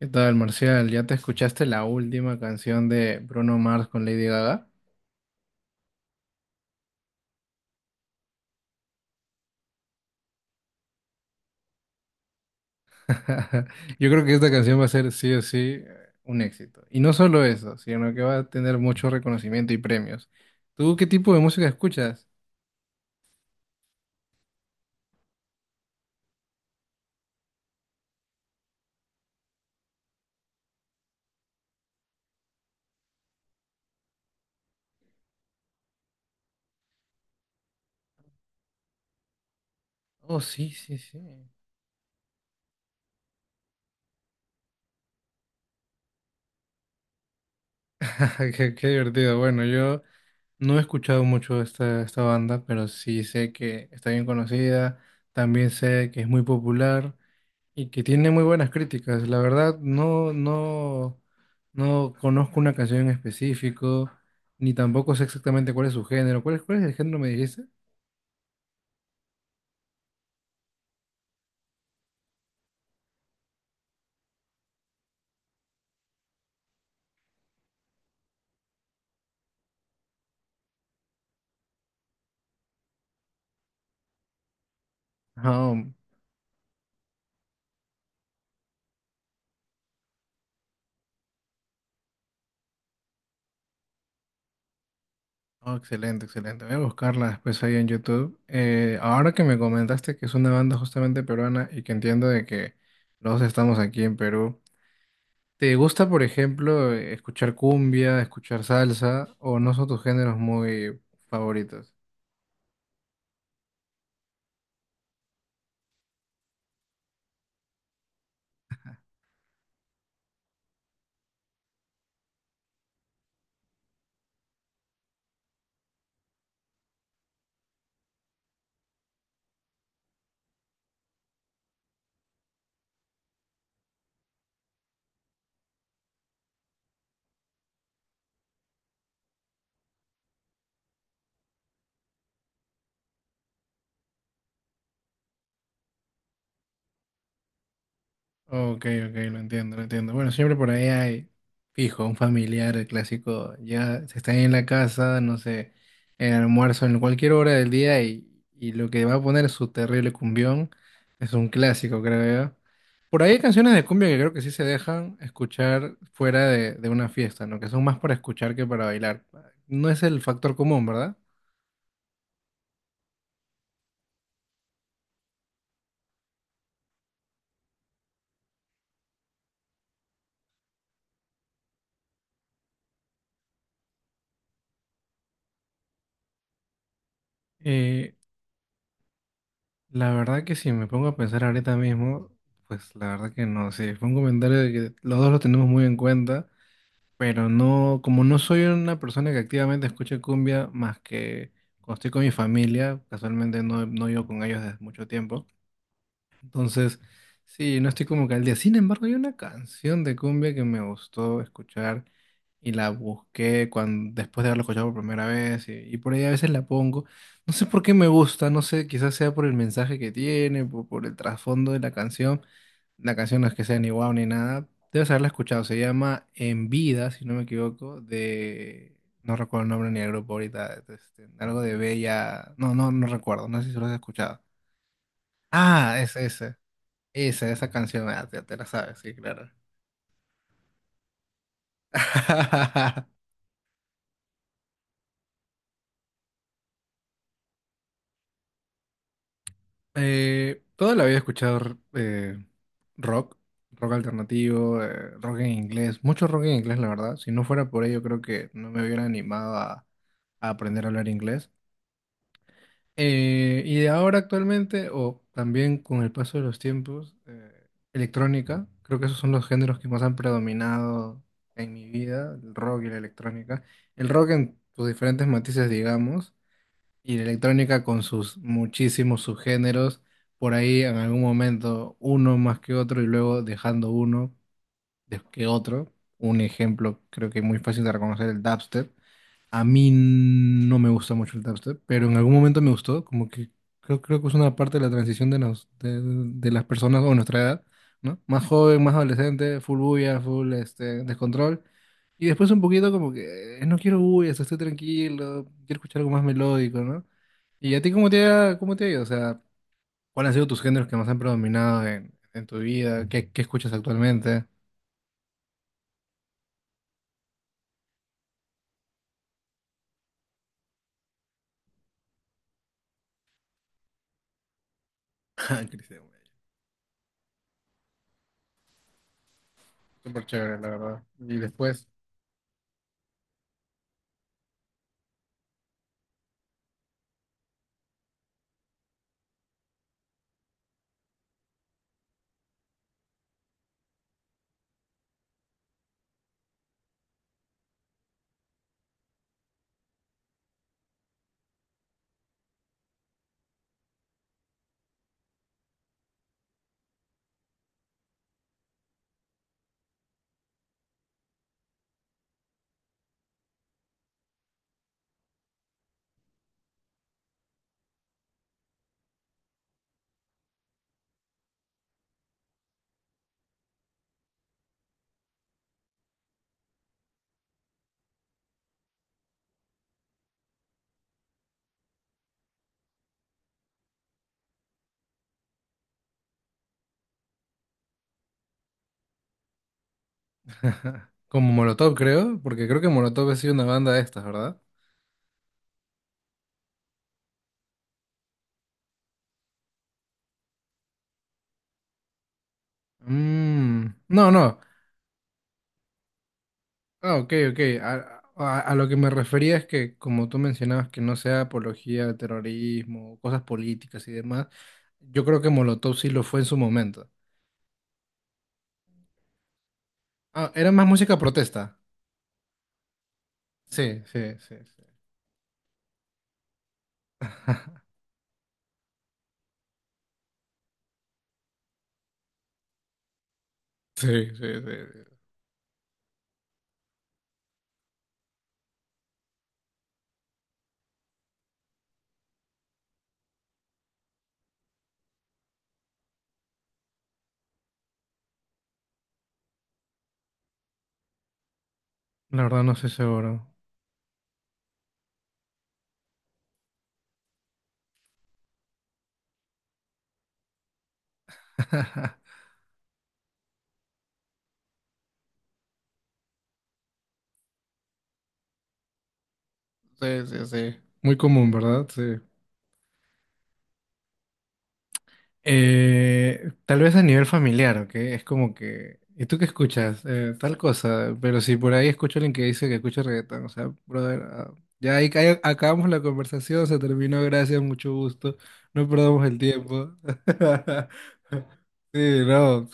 ¿Qué tal, Marcial? ¿Ya te escuchaste la última canción de Bruno Mars con Lady Gaga? Yo creo que esta canción va a ser sí o sí un éxito. Y no solo eso, sino que va a tener mucho reconocimiento y premios. ¿Tú qué tipo de música escuchas? Oh, sí, sí, sí. Qué divertido. Bueno, yo no he escuchado mucho esta banda, pero sí sé que está bien conocida. También sé que es muy popular. Y que tiene muy buenas críticas. La verdad, no, no, no conozco una canción en específico, ni tampoco sé exactamente cuál es su género. Cuál es el género, me dijiste? Ah, oh, excelente, excelente. Voy a buscarla después ahí en YouTube. Ahora que me comentaste que es una banda justamente peruana y que entiendo de que los dos estamos aquí en Perú, ¿te gusta, por ejemplo, escuchar cumbia, escuchar salsa, o no son tus géneros muy favoritos? Ok, ok, lo entiendo, lo entiendo. Bueno, siempre por ahí hay, fijo, un familiar, el clásico, ya se está en la casa, no sé, en el almuerzo, en cualquier hora del día y lo que va a poner su terrible cumbión es un clásico, creo yo. Por ahí hay canciones de cumbia que creo que sí se dejan escuchar fuera de una fiesta, ¿no? Que son más para escuchar que para bailar. No es el factor común, ¿verdad? La verdad que si me pongo a pensar ahorita mismo, pues la verdad que no, sí, fue un comentario de que los dos lo tenemos muy en cuenta, pero no, como no soy una persona que activamente escuche cumbia más que cuando estoy con mi familia, casualmente no, no vivo con ellos desde mucho tiempo, entonces, sí, no estoy como que al día. Sin embargo, hay una canción de cumbia que me gustó escuchar y la busqué cuando, después de haberla escuchado por primera vez y por ahí a veces la pongo. No sé por qué me gusta, no sé, quizás sea por el mensaje que tiene, por el trasfondo de la canción. La canción no es que sea ni guau ni nada. Debes haberla escuchado. Se llama En Vida, si no me equivoco, de... No recuerdo el nombre ni el grupo ahorita. Algo de Bella... No, no, no recuerdo. No sé si lo has escuchado. Ah, es ese. Esa canción, ah, te la sabes, sí, claro. Toda la vida he escuchado rock, rock alternativo, rock en inglés, mucho rock en inglés, la verdad. Si no fuera por ello, creo que no me hubiera animado a aprender a hablar inglés. Y de ahora actualmente, o también con el paso de los tiempos, electrónica, creo que esos son los géneros que más han predominado en mi vida, el rock y la electrónica. El rock en sus diferentes matices, digamos. Y la electrónica con sus muchísimos subgéneros, por ahí en algún momento uno más que otro y luego dejando uno de- que otro. Un ejemplo creo que muy fácil de reconocer, el dubstep. A mí no me gusta mucho el dubstep, pero en algún momento me gustó, como que creo, creo que es una parte de la transición de, nos- de las personas o nuestra edad, ¿no? Más joven, más adolescente, full bulla, full este, descontrol. Y después un poquito como que no quiero bullas, estoy tranquilo, quiero escuchar algo más melódico, ¿no? ¿Y a ti cómo te ha ido? O sea, ¿cuáles han sido tus géneros que más han predominado en tu vida? ¿Qué, qué escuchas actualmente? Ah, Cristian, güey. Súper chévere, la verdad. Y después, como Molotov, creo, porque creo que Molotov ha sido una banda de estas, ¿verdad? Mm, no, no. Ah, ok, ok. A lo que me refería es que, como tú mencionabas, que no sea apología al terrorismo, cosas políticas y demás, yo creo que Molotov sí lo fue en su momento. Ah, era más música protesta. Sí, sí, sí. Sí. Sí, sí, sí. La verdad no estoy seguro. Sí, sí, sí. Muy común, ¿verdad? Sí. Tal vez a nivel familiar, ¿ok? Es como que... ¿Y tú qué escuchas? Tal cosa. Pero si por ahí escucho a alguien que dice que escucha reggaetón, o sea, brother, ah, ya ahí ca- acabamos la conversación, se terminó, gracias, mucho gusto. No perdamos el tiempo. Sí, no.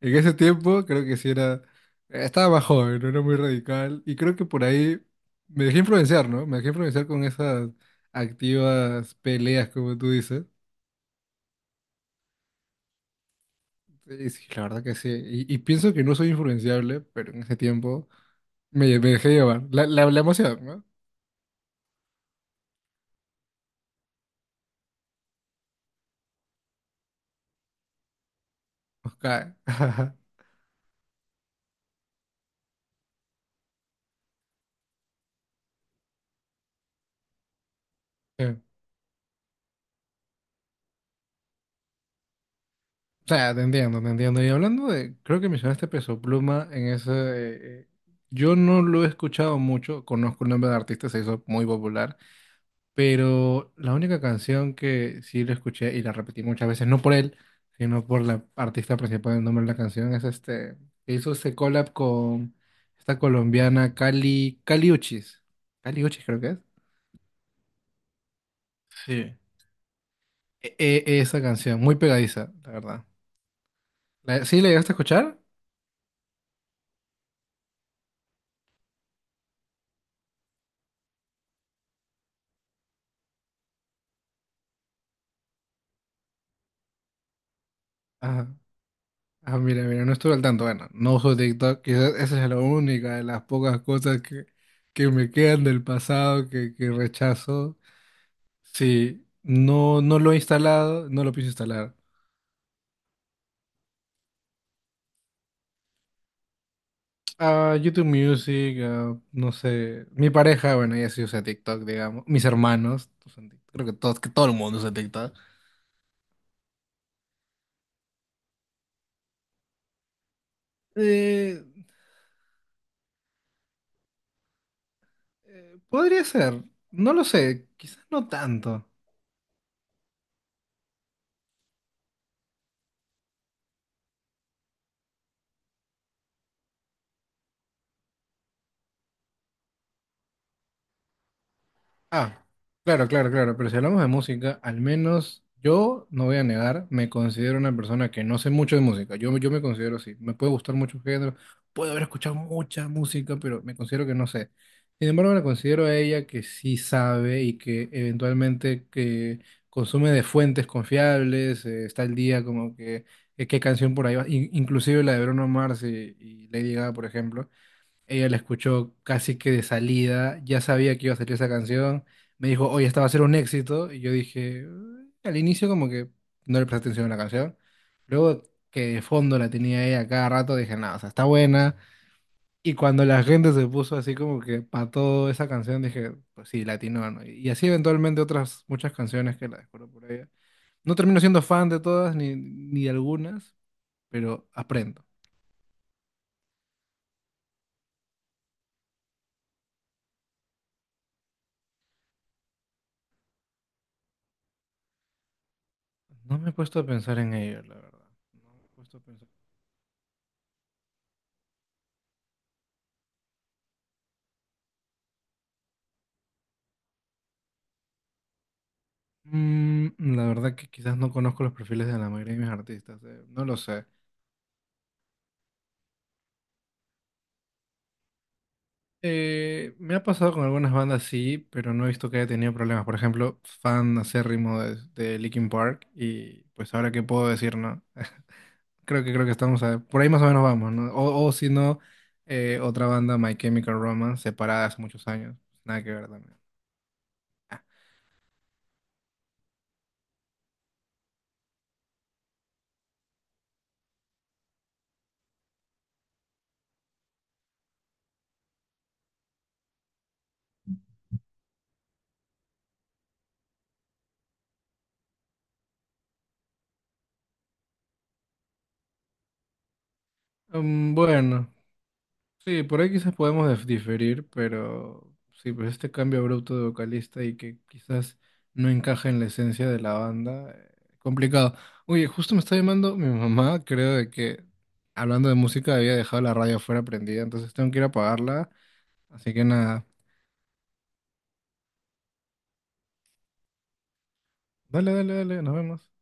En ese tiempo creo que sí era, estaba más joven, no era muy radical y creo que por ahí me dejé influenciar, ¿no? Me dejé influenciar con esas activas peleas, como tú dices. Y sí, la verdad que sí. Y pienso que no soy influenciable, pero en ese tiempo me, lle- me dejé llevar. La emoción, ¿no? Nos cae. Sí. O sea, te entiendo, te entiendo. Y hablando de, creo que mencionaste Peso Pluma en ese... yo no lo he escuchado mucho, conozco el nombre de artista, se hizo muy popular. Pero la única canción que sí lo escuché y la repetí muchas veces, no por él, sino por la artista principal del nombre de la canción, es este, que hizo este collab con esta colombiana Cali, Cali Uchis. Cali Uchis creo que es. Sí. E- e- esa canción, muy pegadiza, la verdad. ¿La- ¿Sí la llegaste a escuchar? Ajá. Ah, mira, mira, no estuve al tanto. Bueno, no uso TikTok, quizás esa es la única de las pocas cosas que me quedan del pasado que rechazo. Sí, no, no lo he instalado, no lo pienso instalar. Ah, YouTube Music, ah, no sé. Mi pareja, bueno, ella sí usa TikTok, digamos. Mis hermanos usan TikTok. Creo que todos, que todo el mundo usa TikTok. Eh, Podría ser, no lo sé, quizás no tanto. Ah, claro, claro, claro, pero si hablamos de música, al menos yo no voy a negar, me considero una persona que no sé mucho de música, yo me considero así, me puede gustar mucho género, puedo haber escuchado mucha música, pero me considero que no sé. Sin embargo, la considero a ella que sí sabe y que eventualmente que consume de fuentes confiables, está al día como que qué canción por ahí va, in- inclusive la de Bruno Mars y Lady Gaga, por ejemplo. Ella la escuchó casi que de salida, ya sabía que iba a salir esa canción. Me dijo, oye, esta va a ser un éxito. Y yo dije, "Mm", al inicio como que no le presté atención a la canción. Luego que de fondo la tenía ella cada rato, dije, nada o sea, está buena. Y cuando la gente se puso así como que para toda esa canción, dije, pues sí, latino, ¿no? Y así eventualmente otras muchas canciones que la descubro por ella. No termino siendo fan de todas ni, ni de algunas, pero aprendo. No me he puesto a pensar en ello, la verdad. No me he puesto a pensar. Mm, la verdad que quizás no conozco los perfiles de la mayoría de mis artistas, no lo sé. Me ha pasado con algunas bandas, sí, pero no he visto que haya tenido problemas. Por ejemplo, fan acérrimo de Linkin Park y pues ahora qué puedo decir, ¿no? Creo que estamos a- por ahí más o menos vamos, ¿no? O si no, otra banda, My Chemical Romance, separada hace muchos años. Nada que ver también. Mm, bueno. Sí, por ahí quizás podemos dif- diferir, pero sí, pues este cambio abrupto de vocalista y que quizás no encaja en la esencia de la banda, complicado. Oye, justo me está llamando mi mamá, creo de que hablando de música había dejado la radio afuera prendida, entonces tengo que ir a apagarla, así que nada, dale, dale, dale, nos vemos.